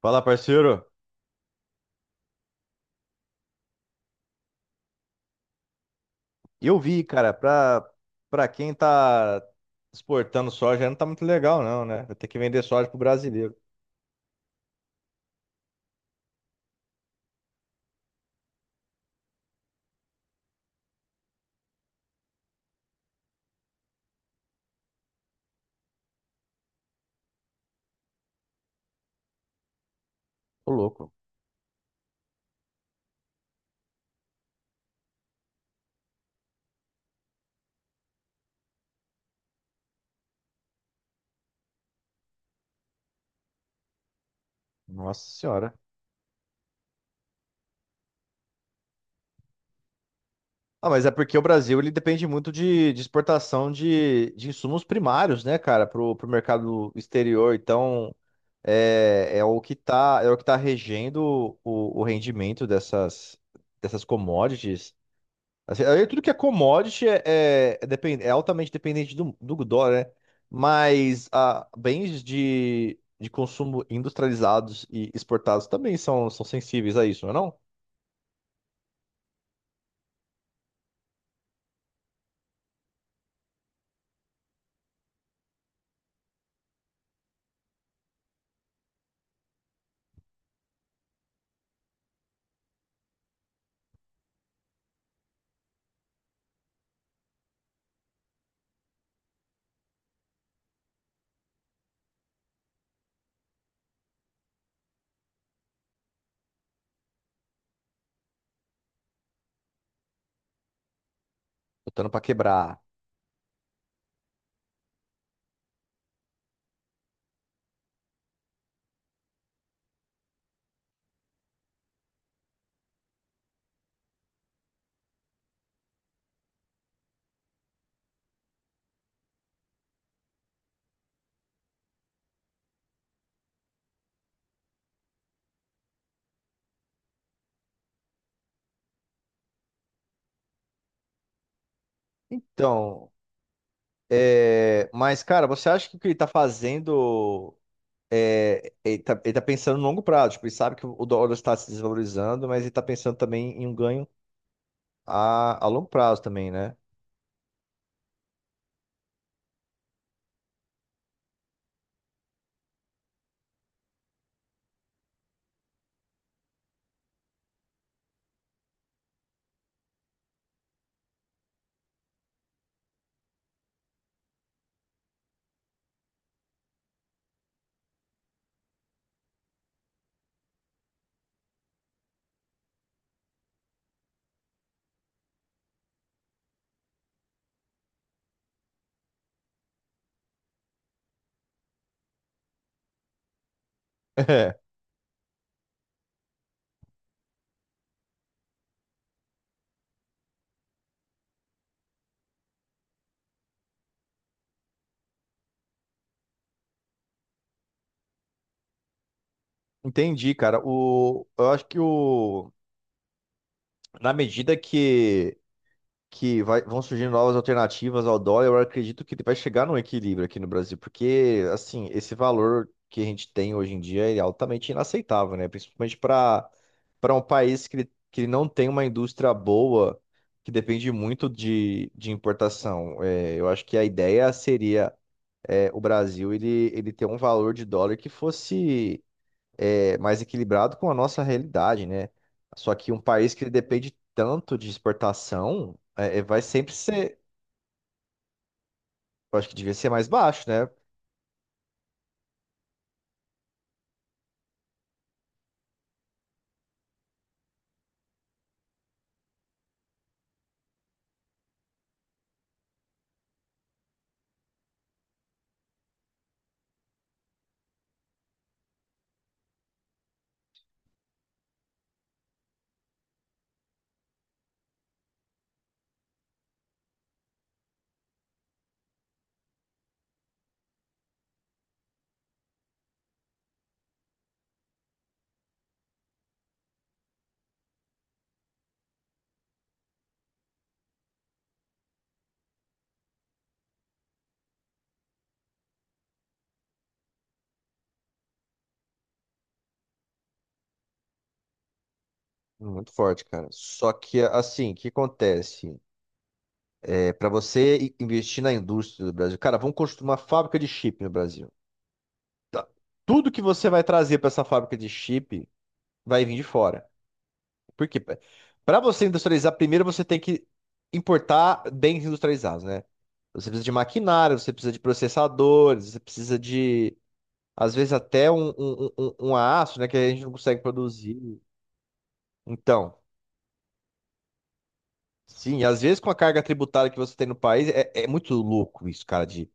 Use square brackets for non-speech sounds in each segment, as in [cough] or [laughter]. Fala, parceiro. Eu vi, cara, pra, pra quem tá exportando soja não tá muito legal, não, né? Vai ter que vender soja pro brasileiro. Ô, louco. Nossa senhora. Ah, mas é porque o Brasil, ele depende muito de exportação de insumos primários, né, cara, pro mercado exterior. Então, é o que tá, é o que tá regendo o rendimento dessas, dessas commodities. Assim, aí tudo que é commodity é depen- é altamente dependente do dólar, né? Mas ah, bens de consumo industrializados e exportados também são sensíveis a isso, não é não? Botando para quebrar. Então, é, mas, cara, você acha que o que ele tá fazendo, é, ele tá pensando no longo prazo. Tipo, ele sabe que o dólar está se desvalorizando, mas ele tá pensando também em um ganho a longo prazo também, né? [laughs] É, entendi, cara. O, eu acho que o. Na medida que vão surgindo novas alternativas ao dólar, eu acredito que ele vai chegar num equilíbrio aqui no Brasil, porque, assim, esse valor que a gente tem hoje em dia ele é altamente inaceitável, né? Principalmente para um país que, que ele não tem uma indústria boa, que depende muito de importação. É, eu acho que a ideia seria é, o Brasil ele ter um valor de dólar que fosse é, mais equilibrado com a nossa realidade, né? Só que um país que depende tanto de exportação, vai sempre ser, eu acho que devia ser mais baixo, né? Muito forte, cara. Só que, assim, o que acontece? É, para você i- investir na indústria do Brasil, cara, vamos construir uma fábrica de chip no Brasil. Tá. Tudo que você vai trazer para essa fábrica de chip vai vir de fora. Porque para você industrializar, primeiro você tem que importar bens industrializados, né? Você precisa de maquinário, você precisa de processadores, você precisa de, às vezes, até um aço, né? Que a gente não consegue produzir. Então, sim, às vezes com a carga tributária que você tem no país, é, é muito louco isso, cara,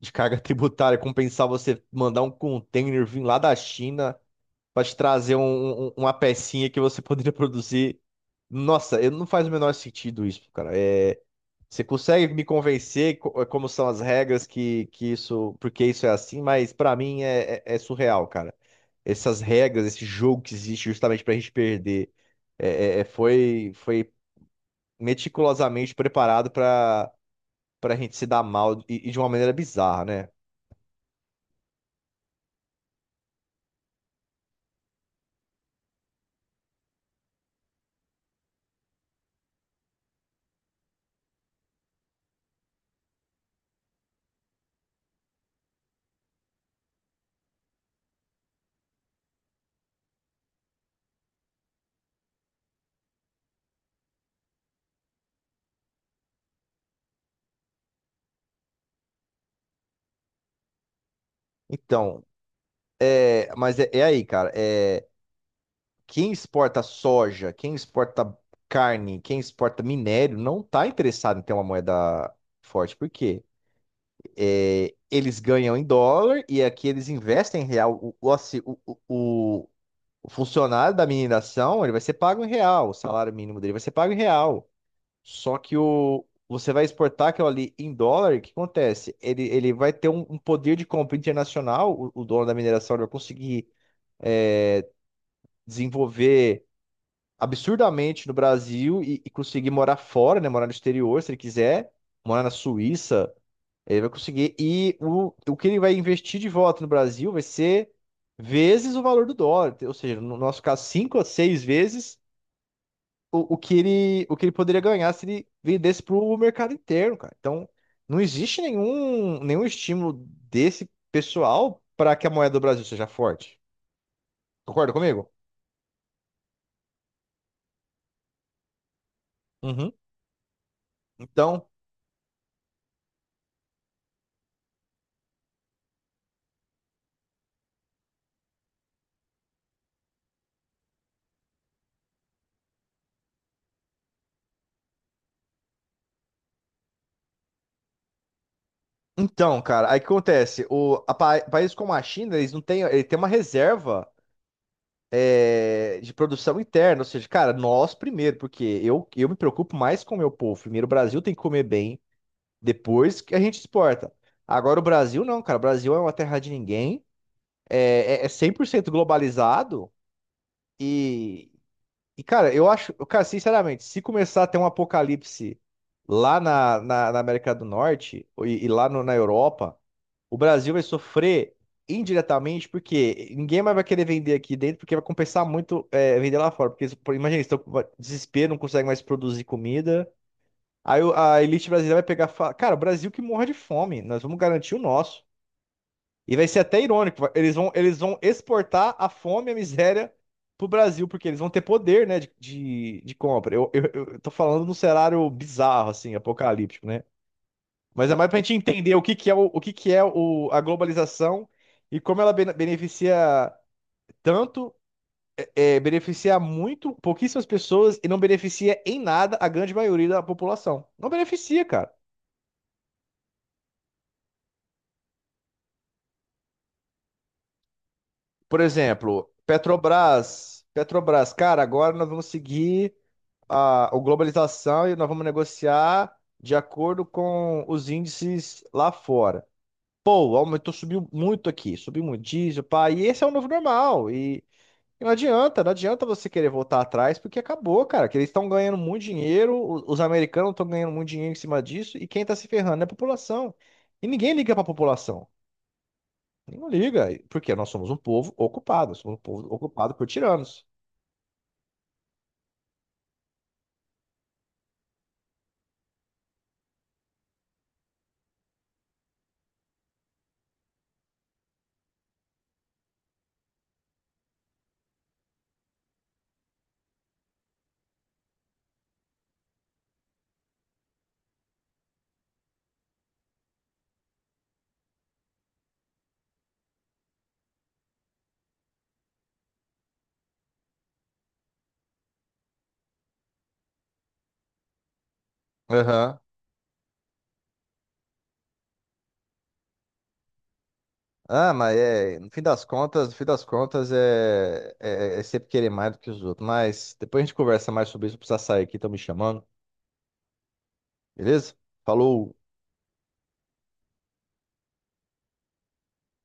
de carga [laughs] tributária, compensar você mandar um container vir lá da China para te trazer um, uma pecinha que você [laughs] poderia produzir. Nossa, eu- não faz o menor sentido isso, cara. É, você consegue me convencer co- eh, como são as regras que isso, porque isso é assim, mas pra mim é, é surreal, cara. Essas regras, esse jogo que existe justamente pra gente perder, é- foi meticulosamente preparado pra, pra gente se dar mal e de uma maneira bizarra, né? Então, é, mas é, é aí, cara. É, quem exporta soja, quem exporta carne, quem exporta minério, não tá interessado em ter uma moeda forte. Por quê? É, eles ganham em dólar e aqui eles investem em real. Assi- o- o funcionário da mineração, ele vai ser pago em real. O salário mínimo dele vai ser pago em real. Só que o, você vai exportar aquilo ali em dólar, o que acontece? Ele vai ter um, um poder de compra internacional, o dono da mineração ele vai conseguir desenvolver absurdamente no Brasil e conseguir morar fora, né? Morar no exterior, se ele quiser. Morar na Suíça, ele vai conseguir. E o que ele vai investir de volta no Brasil vai ser vezes o valor do dólar. Ou seja, no nosso caso, cinco a seis vezes o que ele poderia ganhar se ele vendesse para o mercado interno, cara. Então, não existe nenhum estímulo desse pessoal para que a moeda do Brasil seja forte. Concorda comigo? Uhum. Então, então, cara, aí o que acontece? O, a pa- países como a China, eles não têm, ele tem uma reserva. É, de produção interna, ou seja, cara, nós primeiro, porque eu me preocupo mais com o meu povo. Primeiro, o Brasil tem que comer bem, depois que a gente exporta. Agora, o Brasil não, cara, o Brasil é uma terra de ninguém, é 100% globalizado e, e, cara, eu acho, cara, sinceramente, se começar a ter um apocalipse lá na América do Norte e lá na Europa. O Brasil vai sofrer indiretamente porque ninguém mais vai querer vender aqui dentro porque vai compensar muito é, vender lá fora. Porque, por- imagina, eles estão com desespero, não conseguem mais produzir comida. Aí a elite brasileira vai pegar e falar, cara, o Brasil que morre de fome, nós vamos garantir o nosso. E vai ser até irônico, eles vão exportar a fome e a miséria pro Brasil, porque eles vão ter poder, né, de, de compra. Eu tô falando num cenário bizarro, assim, apocalíptico, né? Mas é mais pra gente entender o que que é, o que que é o, a globalização e como ela bene- beneficia tanto, é, beneficia muito pouquíssimas pessoas e não beneficia em nada a grande maioria da população. Não beneficia, cara. Por exemplo, Petrobras. Petrobras, cara, agora nós vamos seguir a globalização e nós vamos negociar de acordo com os índices lá fora. Pô, aumentou, subiu muito aqui, subiu muito diesel, pá, e esse é o novo normal. E não adianta, não adianta você querer voltar atrás, porque acabou, cara, que eles estão ganhando muito dinheiro, os americanos estão ganhando muito dinheiro em cima disso, e quem está se ferrando é a população. E ninguém liga para a população. Ninguém liga, porque nós somos um povo ocupado, somos um povo ocupado por tiranos. Aham. Ah, mas é, no fim das contas, no fim das contas é sempre querer mais do que os outros. Mas depois a gente conversa mais sobre isso, precisa sair aqui, estão me chamando, beleza? Falou!